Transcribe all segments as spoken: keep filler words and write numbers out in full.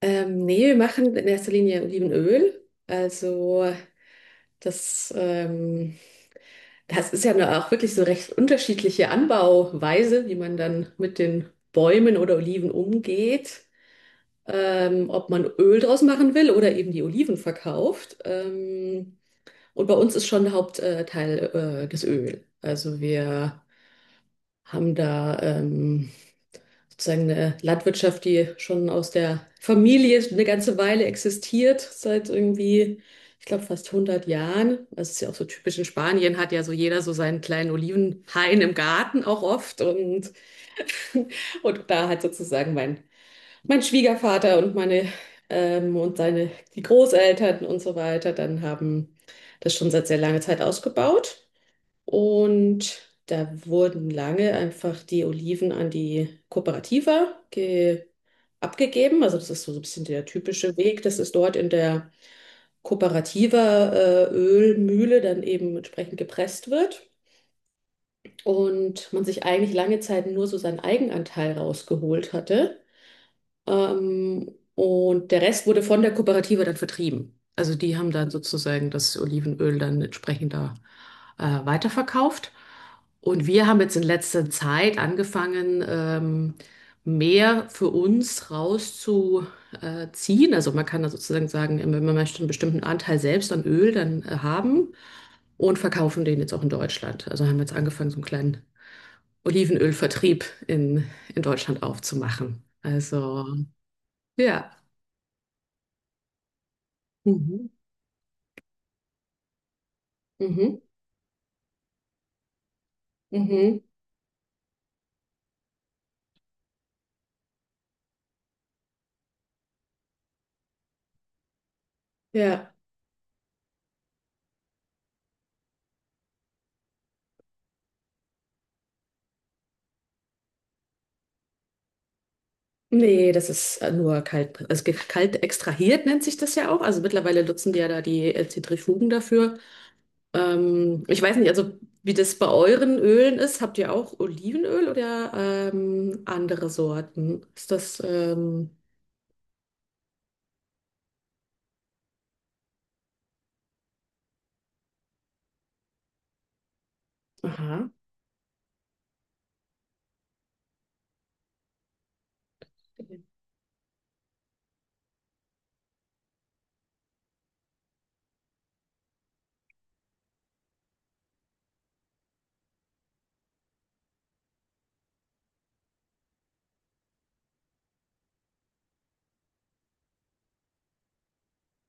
Ähm, nee, wir machen in erster Linie Olivenöl. Also das, ähm, das ist ja nur auch wirklich so recht unterschiedliche Anbauweise, wie man dann mit den Bäumen oder Oliven umgeht. Ähm, ob man Öl draus machen will oder eben die Oliven verkauft. Ähm, und bei uns ist schon Hauptteil äh, Teil, äh, das Öl. Also wir haben da ähm, sozusagen eine Landwirtschaft, die schon aus der Familie eine ganze Weile existiert, seit irgendwie, ich glaube, fast hundert Jahren. Das ist ja auch so typisch in Spanien, hat ja so jeder so seinen kleinen Olivenhain im Garten auch oft. Und, und da hat sozusagen mein, mein Schwiegervater und meine ähm, und seine, die Großeltern und so weiter dann haben das schon seit sehr langer Zeit ausgebaut. Und da wurden lange einfach die Oliven an die Kooperativa ge abgegeben. Also das ist so so ein bisschen der typische Weg. Das ist dort in der Kooperativa äh, Ölmühle dann eben entsprechend gepresst wird. Und man sich eigentlich lange Zeit nur so seinen Eigenanteil rausgeholt hatte. Ähm, und der Rest wurde von der Kooperative dann vertrieben. Also die haben dann sozusagen das Olivenöl dann entsprechend da äh, weiterverkauft. Und wir haben jetzt in letzter Zeit angefangen, ähm, mehr für uns rauszuziehen. Also man kann da sozusagen sagen, wenn man möchte, einen bestimmten Anteil selbst an Öl dann äh, haben und verkaufen den jetzt auch in Deutschland. Also haben wir jetzt angefangen, so einen kleinen Olivenölvertrieb in, in Deutschland aufzumachen. Also ja. Mhm. Mhm. Mhm. Ja, nee, das ist äh, nur kalt, es ge- kalt extrahiert nennt sich das ja auch. Also mittlerweile nutzen die ja da die äh, Zentrifugen dafür. Ähm, ich weiß nicht, also wie das bei euren Ölen ist. Habt ihr auch Olivenöl oder ähm, andere Sorten? Ist das, ähm, Aha.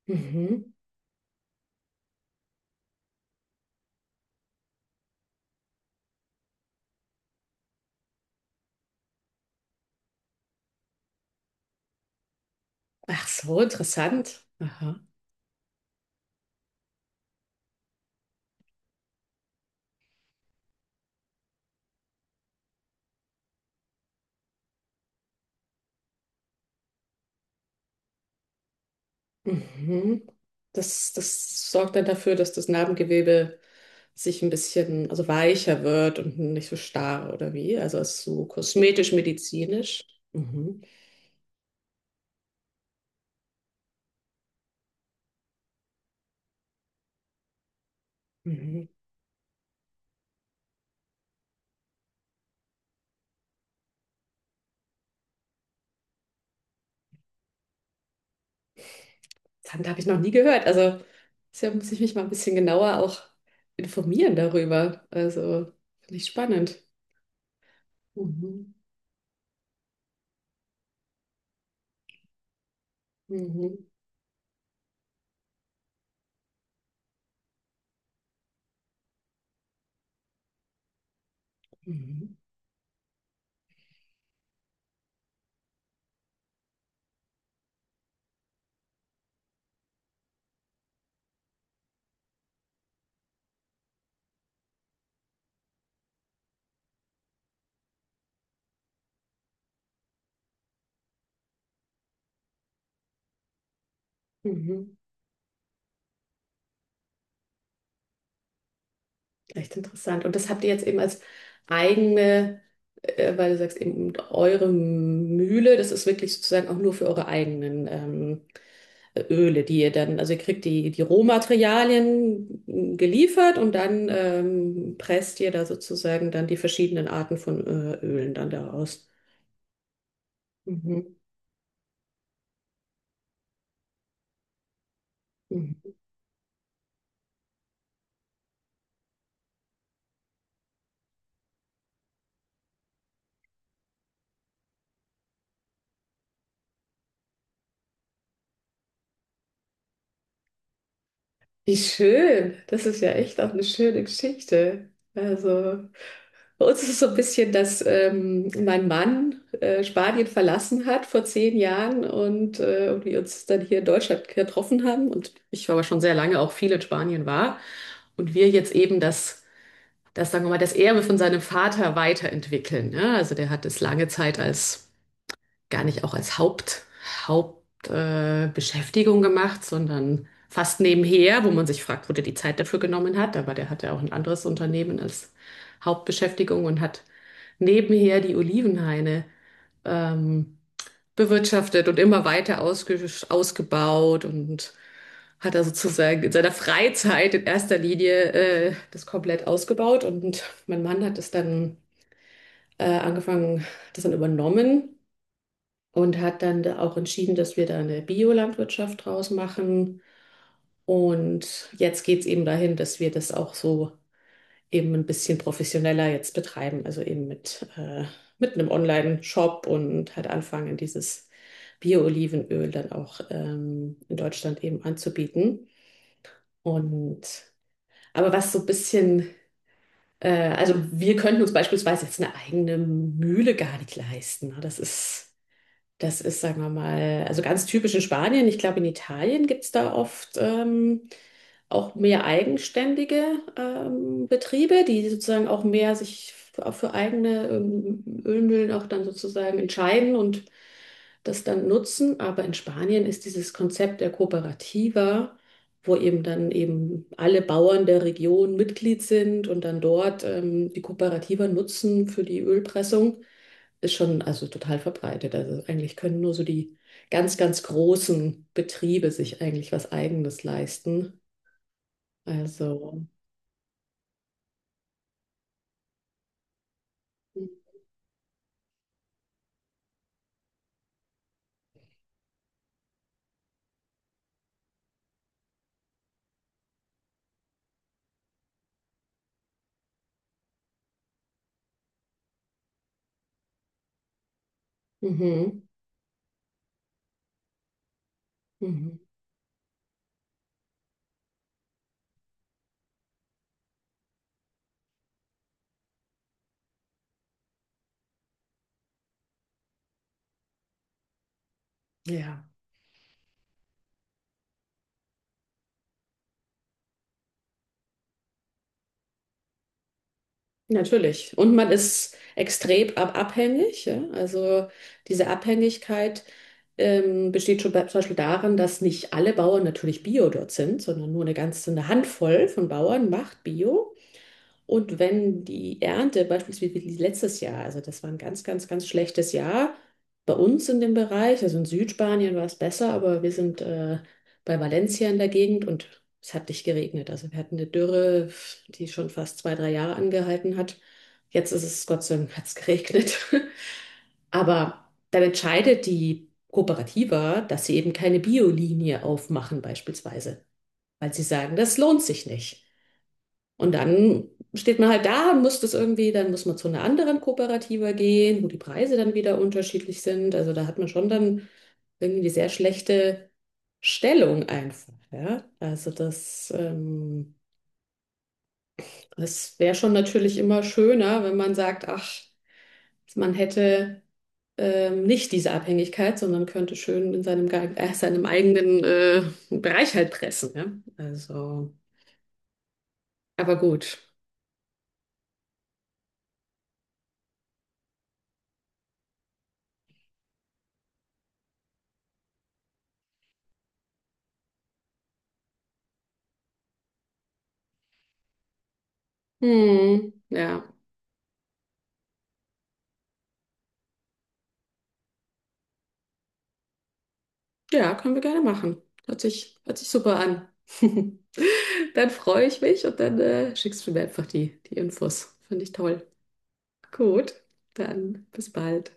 Mhm. Ach so, interessant. Aha. Mhm. Das, das sorgt dann dafür, dass das Narbengewebe sich ein bisschen, also weicher wird und nicht so starr oder wie. Also es ist so kosmetisch, medizinisch. Mhm. Mhm. Dann habe ich noch nie gehört. Also deshalb muss ich mich mal ein bisschen genauer auch informieren darüber. Also finde ich spannend. Mhm. Mhm. Mhm. Mhm. Echt interessant. Und das habt ihr jetzt eben als eigene, äh, weil du sagst eben eure Mühle, das ist wirklich sozusagen auch nur für eure eigenen ähm, Öle, die ihr dann, also ihr kriegt die, die Rohmaterialien geliefert und dann ähm, presst ihr da sozusagen dann die verschiedenen Arten von äh, Ölen dann daraus. Mhm. Mhm. Wie schön. Das ist ja echt auch eine schöne Geschichte. Also, bei uns ist es so ein bisschen, dass ähm, mein Mann äh, Spanien verlassen hat vor zehn Jahren und äh, und wir uns dann hier in Deutschland getroffen haben und ich aber schon sehr lange auch viel in Spanien war und wir jetzt eben das das, sagen wir mal, das Erbe von seinem Vater weiterentwickeln. Ne? Also der hat es lange Zeit als, gar nicht auch als Haupt, Hauptbeschäftigung äh, Beschäftigung gemacht, sondern fast nebenher, wo man sich fragt, wo der die Zeit dafür genommen hat. Aber der hatte auch ein anderes Unternehmen als Hauptbeschäftigung und hat nebenher die Olivenhaine ähm, bewirtschaftet und immer weiter ausge ausgebaut und hat er sozusagen in seiner Freizeit in erster Linie äh, das komplett ausgebaut und mein Mann hat es dann äh, angefangen, das dann übernommen und hat dann da auch entschieden, dass wir da eine Biolandwirtschaft draus machen und jetzt geht es eben dahin, dass wir das auch so eben ein bisschen professioneller jetzt betreiben, also eben mit, äh, mit einem Online-Shop und halt anfangen, dieses Bio-Olivenöl dann auch ähm, in Deutschland eben anzubieten. Und aber was so ein bisschen, äh, also wir könnten uns beispielsweise jetzt eine eigene Mühle gar nicht leisten. Ne? Das ist, das ist, sagen wir mal, also ganz typisch in Spanien. Ich glaube, in Italien gibt es da oft ähm, auch mehr eigenständige ähm, Betriebe, die sozusagen auch mehr sich f- für eigene ähm, Ölmühlen auch dann sozusagen entscheiden und das dann nutzen. Aber in Spanien ist dieses Konzept der Kooperativa, wo eben dann eben alle Bauern der Region Mitglied sind und dann dort ähm, die Kooperativa nutzen für die Ölpressung, ist schon also total verbreitet. Also eigentlich können nur so die ganz, ganz großen Betriebe sich eigentlich was Eigenes leisten. Also, mhm, mhm, ja, natürlich. Und man ist extrem ab abhängig. Ja? Also diese Abhängigkeit ähm, besteht schon bei- zum Beispiel darin, dass nicht alle Bauern natürlich Bio dort sind, sondern nur eine ganze eine Handvoll von Bauern macht Bio. Und wenn die Ernte beispielsweise wie letztes Jahr, also das war ein ganz, ganz, ganz schlechtes Jahr bei uns in dem Bereich, also in Südspanien war es besser, aber wir sind äh, bei Valencia in der Gegend und es hat nicht geregnet. Also wir hatten eine Dürre, die schon fast zwei, drei Jahre angehalten hat. Jetzt ist es, Gott sei Dank, hat es geregnet. Aber dann entscheidet die Kooperativa, dass sie eben keine Biolinie aufmachen beispielsweise, weil sie sagen, das lohnt sich nicht. Und dann steht man halt da und muss das irgendwie, dann muss man zu einer anderen Kooperative gehen, wo die Preise dann wieder unterschiedlich sind. Also da hat man schon dann irgendwie eine sehr schlechte Stellung einfach, ja. Also das, ähm, das wäre schon natürlich immer schöner, wenn man sagt, ach, man hätte ähm, nicht diese Abhängigkeit, sondern könnte schön in seinem, ge- äh, seinem eigenen äh, Bereich halt pressen, ja. Also, aber gut. Hm, ja. Ja, können wir gerne machen. Hört sich, hört sich super an. Dann freue ich mich und dann äh, schickst du mir einfach die, die Infos. Finde ich toll. Gut, dann bis bald.